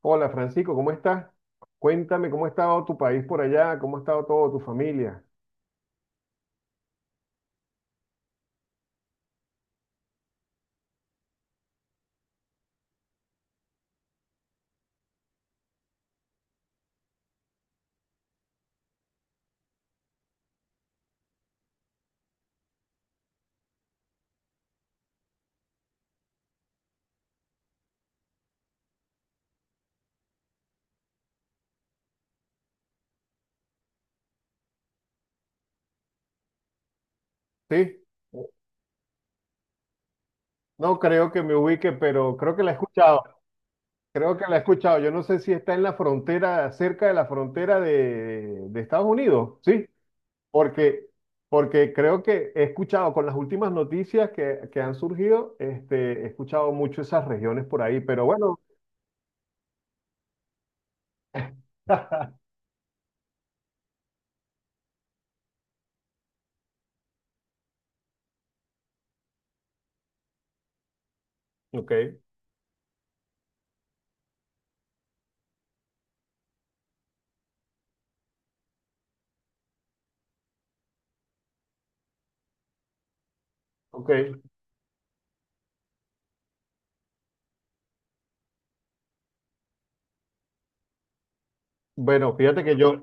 Hola Francisco, ¿cómo estás? Cuéntame cómo ha estado tu país por allá, cómo ha estado toda tu familia. Sí, no creo que me ubique, pero creo que la he escuchado. Creo que la he escuchado. Yo no sé si está en la frontera, cerca de la frontera de Estados Unidos, ¿sí? Porque, porque creo que he escuchado con las últimas noticias que han surgido, este, he escuchado mucho esas regiones por ahí, pero bueno. Ok, ok. Bueno, fíjate que yo,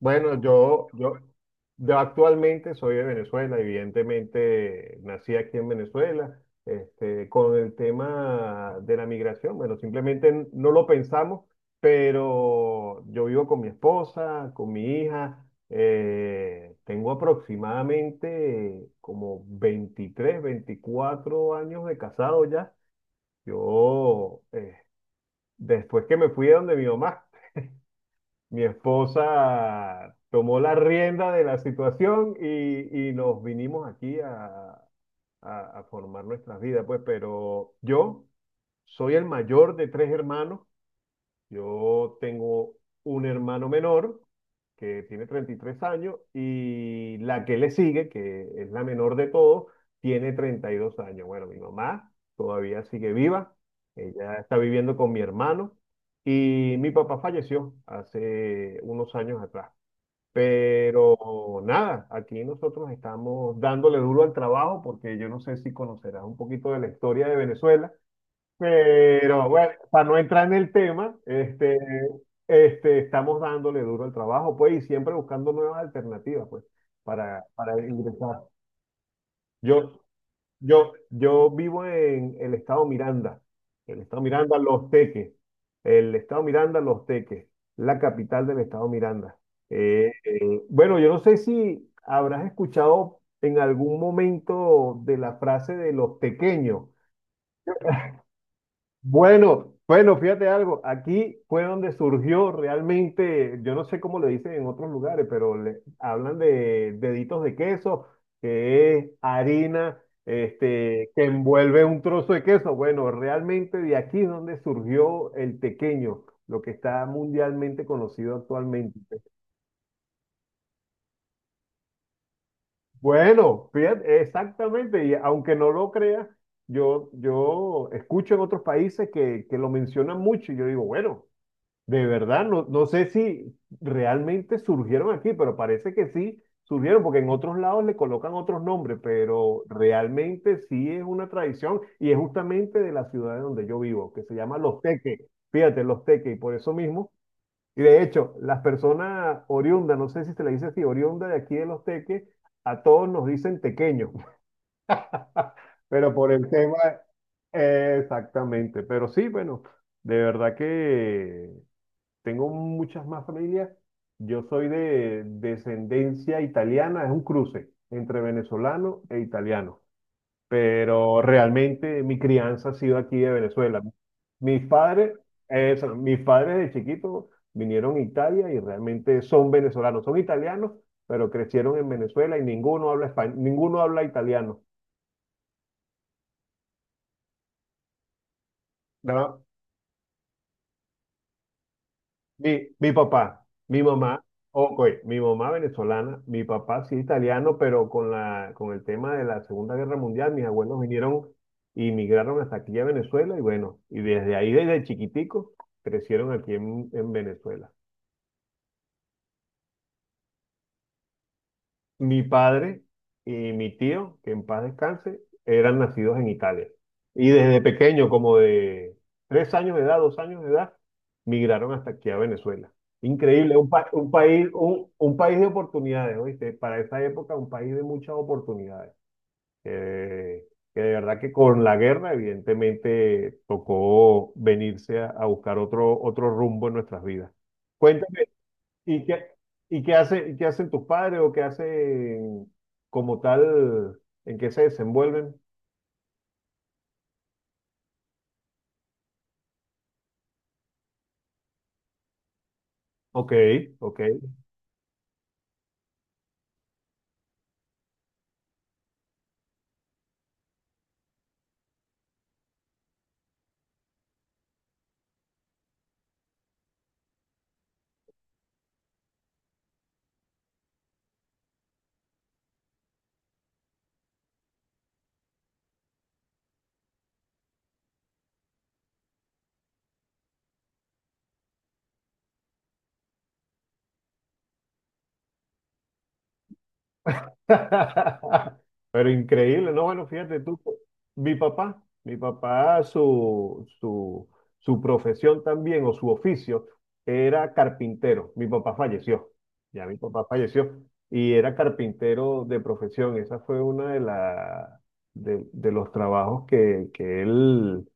Bueno, yo actualmente soy de Venezuela, evidentemente nací aquí en Venezuela. Este, con el tema de la migración, bueno, simplemente no lo pensamos, pero yo vivo con mi esposa, con mi hija. Tengo aproximadamente como 23, 24 años de casado ya. Yo, después que me fui de donde mi mamá, mi esposa tomó la rienda de la situación y nos vinimos aquí a, a formar nuestras vidas, pues, pero yo soy el mayor de tres hermanos. Yo tengo un hermano menor que tiene 33 años, y la que le sigue, que es la menor de todos, tiene 32 años. Bueno, mi mamá todavía sigue viva, ella está viviendo con mi hermano y mi papá falleció hace unos años atrás. Pero nada, aquí nosotros estamos dándole duro al trabajo porque yo no sé si conocerás un poquito de la historia de Venezuela, pero bueno, para no entrar en el tema, este, estamos dándole duro al trabajo, pues, y siempre buscando nuevas alternativas, pues, para ingresar. Yo, yo vivo en el estado Miranda, Los Teques, el estado Miranda, Los Teques, la capital del estado Miranda. Bueno, yo no sé si habrás escuchado en algún momento de la frase de los tequeños. Bueno, bueno, fíjate algo, aquí fue donde surgió realmente, yo no sé cómo le dicen en otros lugares, pero le hablan de deditos de queso, que es harina, este, que envuelve un trozo de queso. Bueno, realmente de aquí es donde surgió el tequeño, lo que está mundialmente conocido actualmente. Bueno, fíjate, exactamente, y aunque no lo creas, yo escucho en otros países que lo mencionan mucho y yo digo, bueno. De verdad, no, no sé si realmente surgieron aquí, pero parece que sí surgieron, porque en otros lados le colocan otros nombres, pero realmente sí es una tradición y es justamente de la ciudad de donde yo vivo, que se llama Los Teques. Fíjate, Los Teques, y por eso mismo. Y de hecho, las personas oriundas, no sé si se le dice así, oriunda de aquí de Los Teques, a todos nos dicen tequeños, pero por el tema, exactamente, pero sí, bueno. De verdad que tengo muchas más familias. Yo soy de descendencia italiana, es un cruce entre venezolano e italiano, pero realmente mi crianza ha sido aquí de Venezuela. Mis padres, eso, mis padres de chiquito vinieron a Italia y realmente son venezolanos, son italianos, pero crecieron en Venezuela y ninguno habla español, ninguno habla italiano. Nada- mi papá, mi mamá, ok, mi mamá venezolana, mi papá sí italiano, pero con con el tema de la Segunda Guerra Mundial, mis abuelos vinieron y migraron hasta aquí a Venezuela y bueno, y desde ahí, desde chiquitico, crecieron aquí en Venezuela. Mi padre y mi tío, que en paz descanse, eran nacidos en Italia. Y desde pequeño, como de 3 años de edad, 2 años de edad, migraron hasta aquí a Venezuela. Increíble, un país, un país de oportunidades, ¿oíste? Para esa época, un país de muchas oportunidades. Eh, que de verdad que con la guerra, evidentemente, tocó venirse a buscar otro rumbo en nuestras vidas. Cuéntame, ¿Y qué, qué hacen tus padres o qué hacen como tal, ¿en qué se desenvuelven? Ok, ok. Pero increíble, ¿no? Bueno, fíjate tú, mi papá, su profesión también o su oficio era carpintero. Mi papá falleció, ya mi papá falleció y era carpintero de profesión. Esa fue una de, la, de los trabajos que él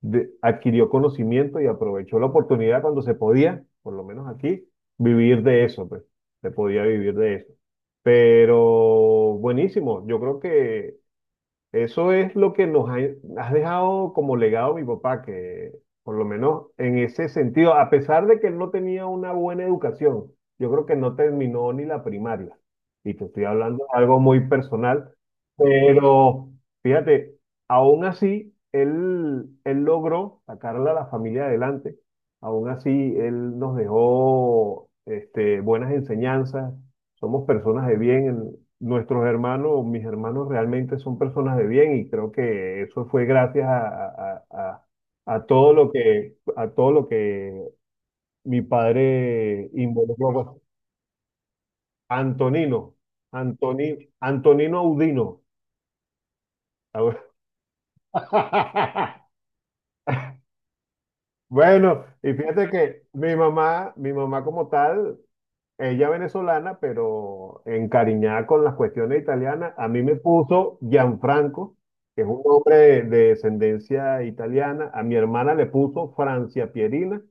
adquirió conocimiento y aprovechó la oportunidad cuando se podía, por lo menos aquí, vivir de eso, pues, se podía vivir de eso. Pero buenísimo, yo creo que eso es lo que nos ha, has dejado como legado mi papá, que por lo menos en ese sentido, a pesar de que él no tenía una buena educación, yo creo que no terminó ni la primaria. Y te estoy hablando de algo muy personal, pero fíjate, aún así, él logró sacarle a la familia adelante. Aún así, él nos dejó este, buenas enseñanzas. Somos personas de bien. Nuestros hermanos, mis hermanos realmente son personas de bien, y creo que eso fue gracias a, a todo lo que mi padre involucró, pues. Antonino, Antonino Audino. Bueno, y fíjate que mi mamá como tal, ella venezolana, pero encariñada con las cuestiones italianas, a mí me puso Gianfranco, que es un hombre de descendencia italiana, a mi hermana le puso Francia Pierina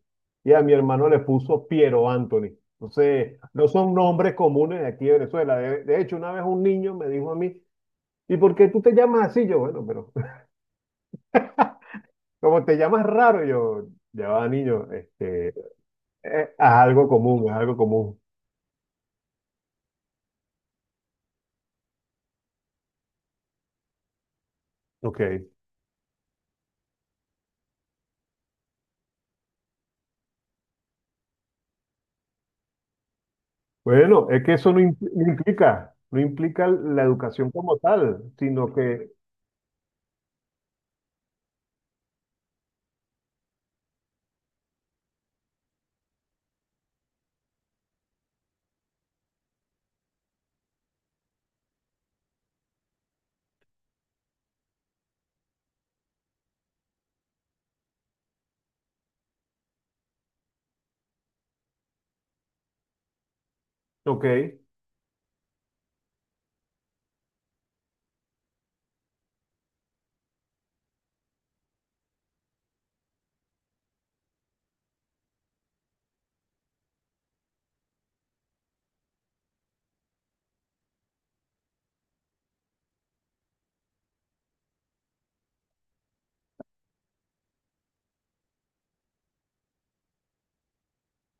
y a mi hermano le puso Piero Anthony. Entonces, no son nombres comunes de aquí de Venezuela. De hecho, una vez un niño me dijo a mí, ¿y por qué tú te llamas así? Yo, bueno, pero como te llamas raro, yo, ya va, niño, este, haz algo común, es algo común. Ok. Bueno, es que eso no implica la educación como tal, sino que, ok,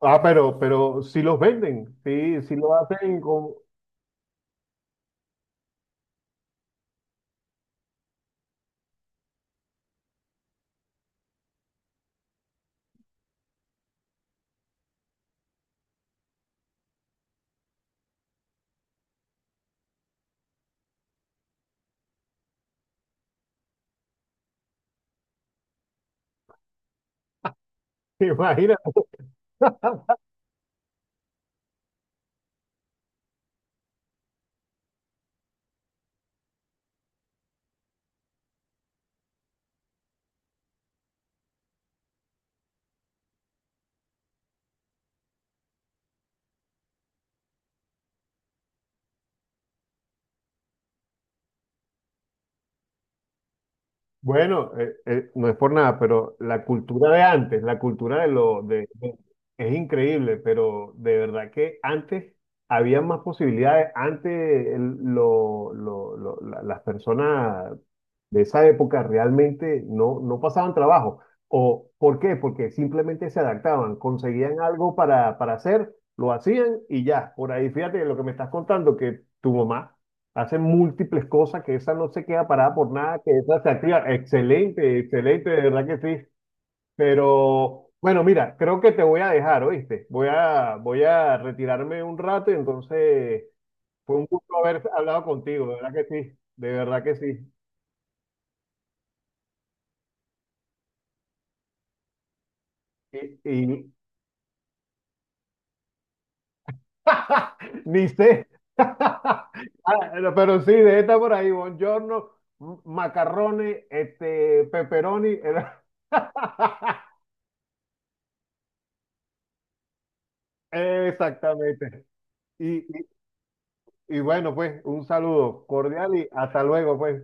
ah, pero si los venden, sí, si lo hacen con, imagínate. Bueno, no es por nada, pero la cultura de antes, la cultura de lo de- es increíble, pero de verdad que antes había más posibilidades. Antes las personas de esa época realmente no pasaban trabajo. ¿O por qué? Porque simplemente se adaptaban, conseguían algo para hacer, lo hacían y ya. Por ahí, fíjate lo que me estás contando, que tu mamá hace múltiples cosas, que esa no se queda parada por nada, que esa se activa. Excelente, excelente, de verdad que sí. Pero bueno, mira, creo que te voy a dejar, ¿oíste? Voy a retirarme un rato y entonces fue un gusto haber hablado contigo, de verdad que sí, de verdad que sí. Y, y- ni sé. Ah, no, pero sí, de esta por ahí, buongiorno, macarrones, este, pepperoni. Exactamente. Y, Y bueno, pues un saludo cordial y hasta luego, pues.